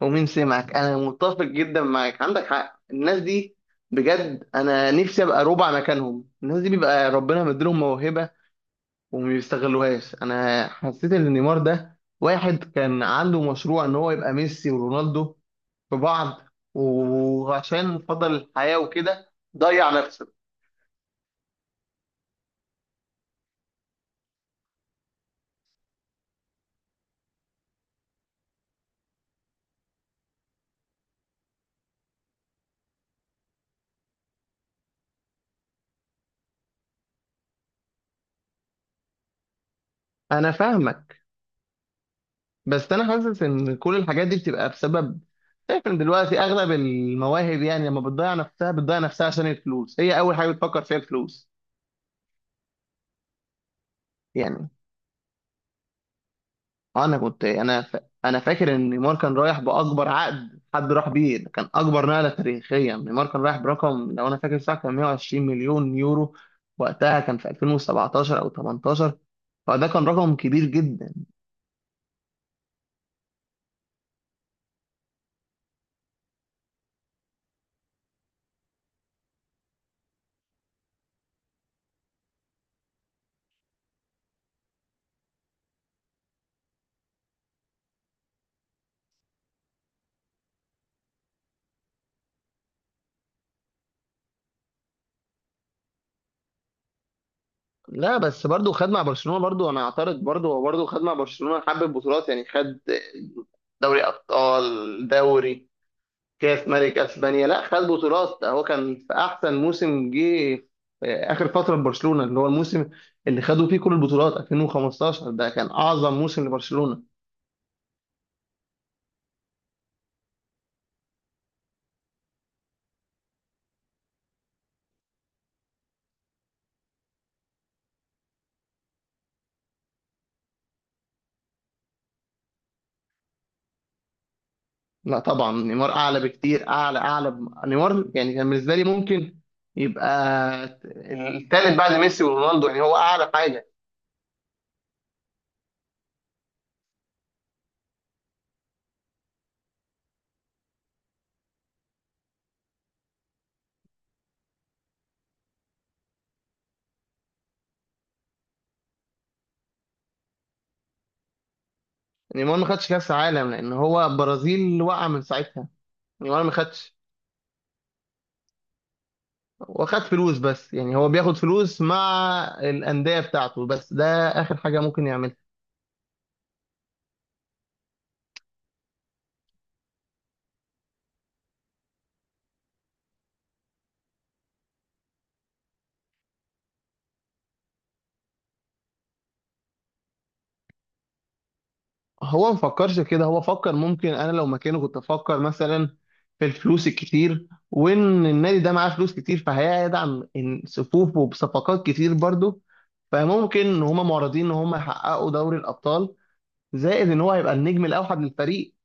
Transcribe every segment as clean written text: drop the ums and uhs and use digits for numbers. ومين سمعك؟ انا متفق جدا معاك، عندك حق. الناس دي بجد، انا نفسي ابقى ربع مكانهم. الناس دي بيبقى ربنا مديلهم موهبه وما بيستغلوهاش. انا حسيت ان نيمار ده واحد كان عنده مشروع ان هو يبقى ميسي ورونالدو في بعض، وعشان فضل الحياه وكده ضيع نفسه. انا فاهمك، بس انا حاسس ان كل الحاجات دي بتبقى بسبب، شايف ان دلوقتي اغلب المواهب، يعني لما بتضيع نفسها بتضيع نفسها عشان الفلوس، هي اول حاجه بتفكر فيها الفلوس. يعني انا كنت انا فاكر ان نيمار كان رايح باكبر عقد حد راح بيه. ده كان اكبر نقله تاريخيا، نيمار كان رايح برقم لو انا فاكر صح كان 120 مليون يورو. وقتها كان في 2017 او 18، فده كان رقم كبير جدا. لا، بس برضو خد مع برشلونه، برضو انا اعترض، برضو هو برضو خد مع برشلونه حبه بطولات، يعني خد دوري ابطال، دوري، كاس ملك اسبانيا. لا خد بطولات، ده هو كان في احسن موسم جه في اخر فتره لبرشلونه، اللي هو الموسم اللي خدوا فيه كل البطولات، 2015 ده كان اعظم موسم لبرشلونه. لا طبعا، نيمار اعلى بكتير، اعلى اعلى نيمار يعني كان بالنسبه لي ممكن يبقى الثالث بعد ميسي ورونالدو، يعني هو اعلى حاجه. نيمار ما خدش كاس عالم لان هو برازيل وقع من ساعتها. نيمار ما خدش وخد فلوس بس، يعني هو بياخد فلوس مع الانديه بتاعته بس، ده اخر حاجه ممكن يعملها. هو ما فكرش كده، هو فكر ممكن، انا لو مكانه كنت افكر مثلا في الفلوس الكتير، وان النادي ده معاه فلوس كتير فهيدعم صفوفه بصفقات كتير برضه، فممكن ان هما معرضين ان هما يحققوا دوري الابطال، زائد ان هو هيبقى النجم الاوحد للفريق.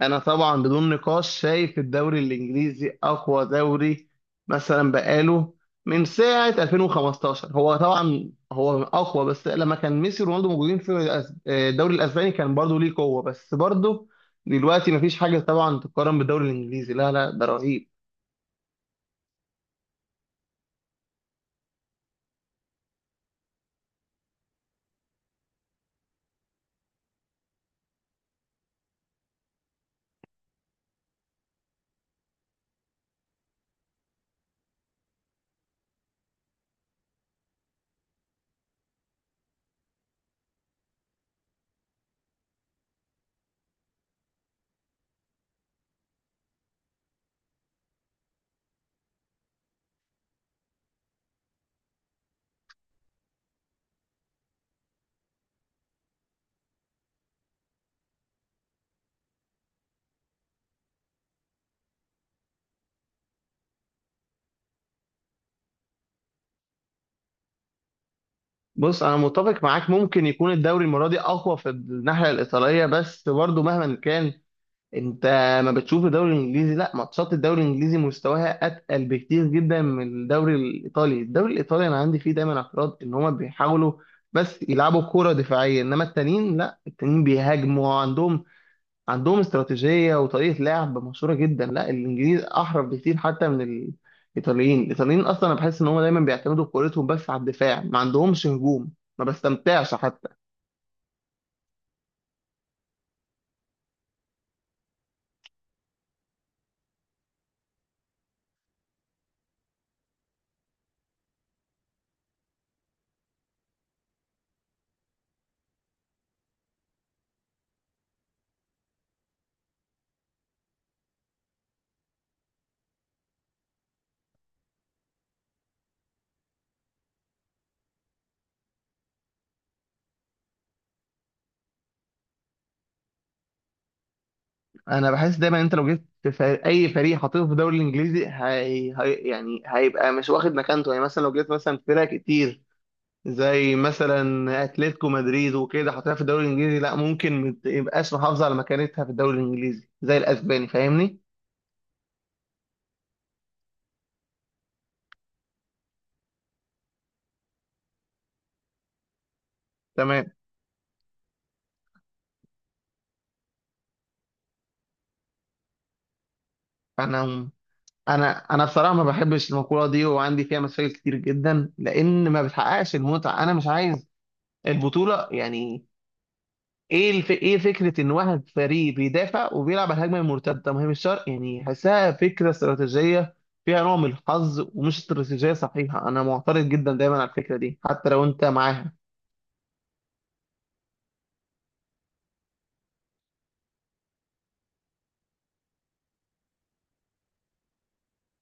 انا طبعا بدون نقاش شايف الدوري الانجليزي اقوى دوري، مثلا بقاله من ساعه 2015 هو طبعا هو اقوى. بس لما كان ميسي ورونالدو موجودين في الدوري الاسباني كان برضه ليه قوه، بس برضه دلوقتي مفيش حاجه طبعا تقارن بالدوري الانجليزي، لا لا ده رهيب. بص، انا متفق معاك، ممكن يكون الدوري المره دي اقوى في الناحيه الايطاليه، بس برضه مهما كان انت ما بتشوف الدوري الانجليزي، لا، ماتشات الدوري الانجليزي مستواها اتقل بكتير جدا من الدوري الايطالي. الدوري الايطالي انا عندي فيه دايما اعتراض ان هما بيحاولوا بس يلعبوا كرة دفاعية، انما التانيين لا، التانيين بيهاجموا وعندهم، عندهم استراتيجية وطريقة لعب مشهورة جدا. لا، الانجليز احرف بكتير حتى من الايطاليين. الايطاليين اصلا انا بحس ان هما دايما بيعتمدوا كورتهم بس على الدفاع، ما عندهمش هجوم، ما بستمتعش حتى. انا بحس دايما انت لو جبت فريق، اي فريق حاطينه في الدوري الانجليزي يعني هيبقى مش واخد مكانته. يعني مثلا لو جبت مثلا فرق كتير زي مثلا اتلتيكو مدريد وكده حاطينها في الدوري الانجليزي، لا ممكن ما تبقاش محافظه على مكانتها في الدوري الانجليزي زي الاسباني. فاهمني؟ تمام. انا انا بصراحه ما بحبش المقوله دي وعندي فيها مشاكل كتير جدا، لان ما بتحققش المتعه. انا مش عايز البطوله، يعني ايه الف... ايه فكره ان واحد فريق بيدافع وبيلعب على الهجمه المرتده؟ ما هي مش شرط، يعني حاسها فكره استراتيجيه فيها نوع من الحظ ومش استراتيجيه صحيحه. انا معترض جدا دايما على الفكره دي حتى لو انت معاها.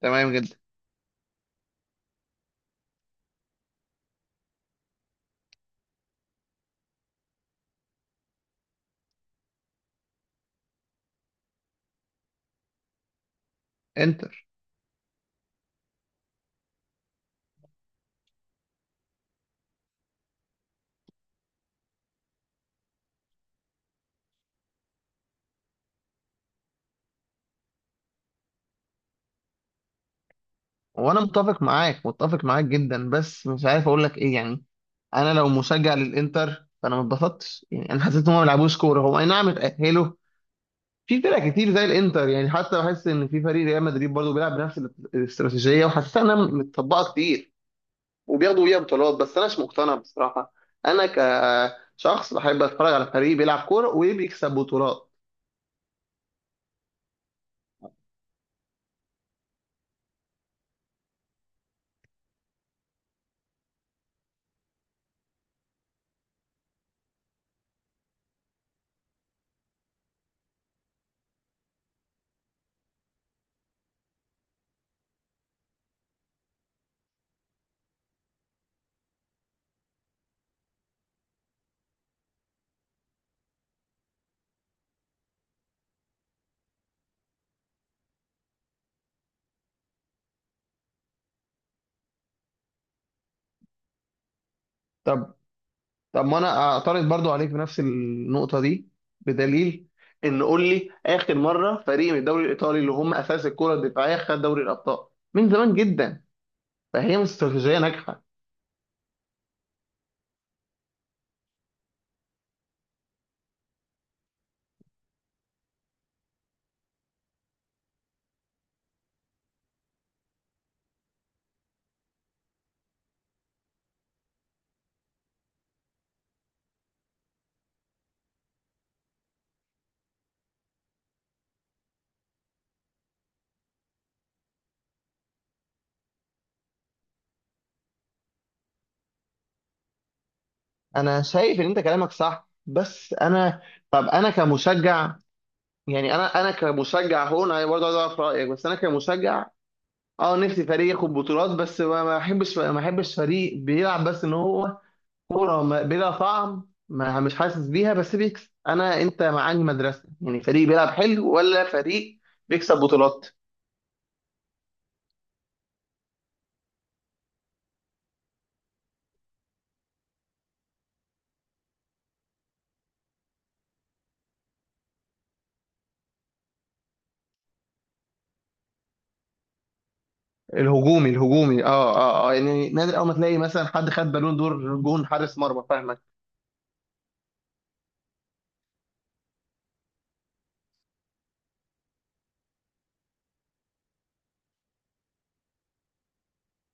تمام جدا. انتر. وانا متفق معاك، متفق معاك جدا، بس مش عارف اقول لك ايه. يعني انا لو مشجع للانتر فانا ما اتبسطتش، يعني انا حسيت ان هم ما بيلعبوش كوره. هو اي نعم اتاهلوا. في فرق كتير زي الانتر، يعني حتى بحس ان في فريق ريال مدريد برضه بيلعب بنفس الاستراتيجيه وحسيتها انها متطبقه كتير وبياخدوا بيها بطولات، بس أناش مقتنع بصراحة. أنا كشخص بحب أتفرج على فريق بيلعب كورة وبيكسب بطولات. طب، طب ما أنا أعترض برضو عليك بنفس النقطة دي، بدليل إن قول لي آخر مرة فريق من الدوري الإيطالي اللي هم أساس الكرة الدفاعية خد دوري الأبطال؟ من زمان جدا، فهي مش استراتيجية ناجحة. أنا شايف إن أنت كلامك صح، بس أنا طب أنا كمشجع، يعني انا انا كمشجع هون، انا برضه عايز اعرف رايك، بس انا كمشجع اه نفسي فريق ياخد بطولات، بس ما احبش فريق بيلعب بس ان هو كوره بلا طعم، ما مش حاسس بيها بس بيكسب. انا انت معاني مدرسه، يعني فريق بيلعب حلو ولا فريق بيكسب بطولات؟ الهجومي الهجومي اه يعني نادر اول ما تلاقي مثلا حد خد بالون دور جون حارس مرمى. فاهمك،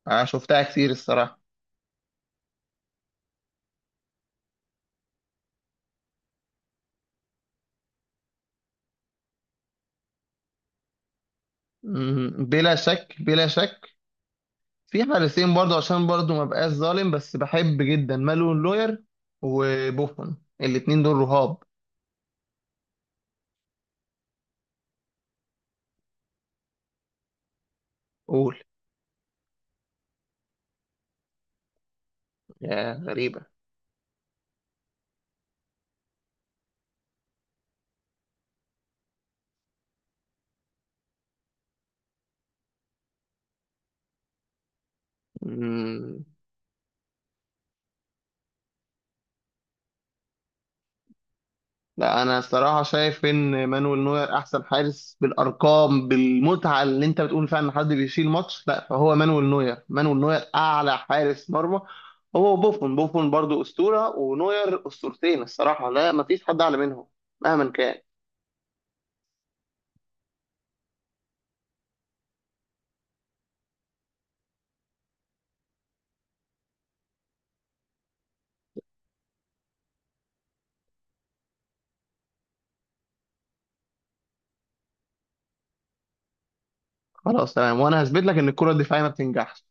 انا شفتها كتير الصراحه. بلا شك بلا شك في حارسين برضه عشان برضه ما بقاش ظالم، بس بحب جدا مالون لوير وبوفون، الاتنين دول رهاب. يا غريبة. مم. لا، أنا الصراحة شايف إن مانويل نوير أحسن حارس بالأرقام، بالمتعة اللي أنت بتقول فيها إن حد بيشيل ماتش، لا فهو مانويل نوير. مانويل نوير أعلى حارس مرمى، هو بوفون. بوفون برضو أسطورة ونوير أسطورتين الصراحة، لا مفيش حد أعلى منهم مهما كان. خلاص تمام، وأنا هثبت لك إن الكرة الدفاعية ما بتنجحش.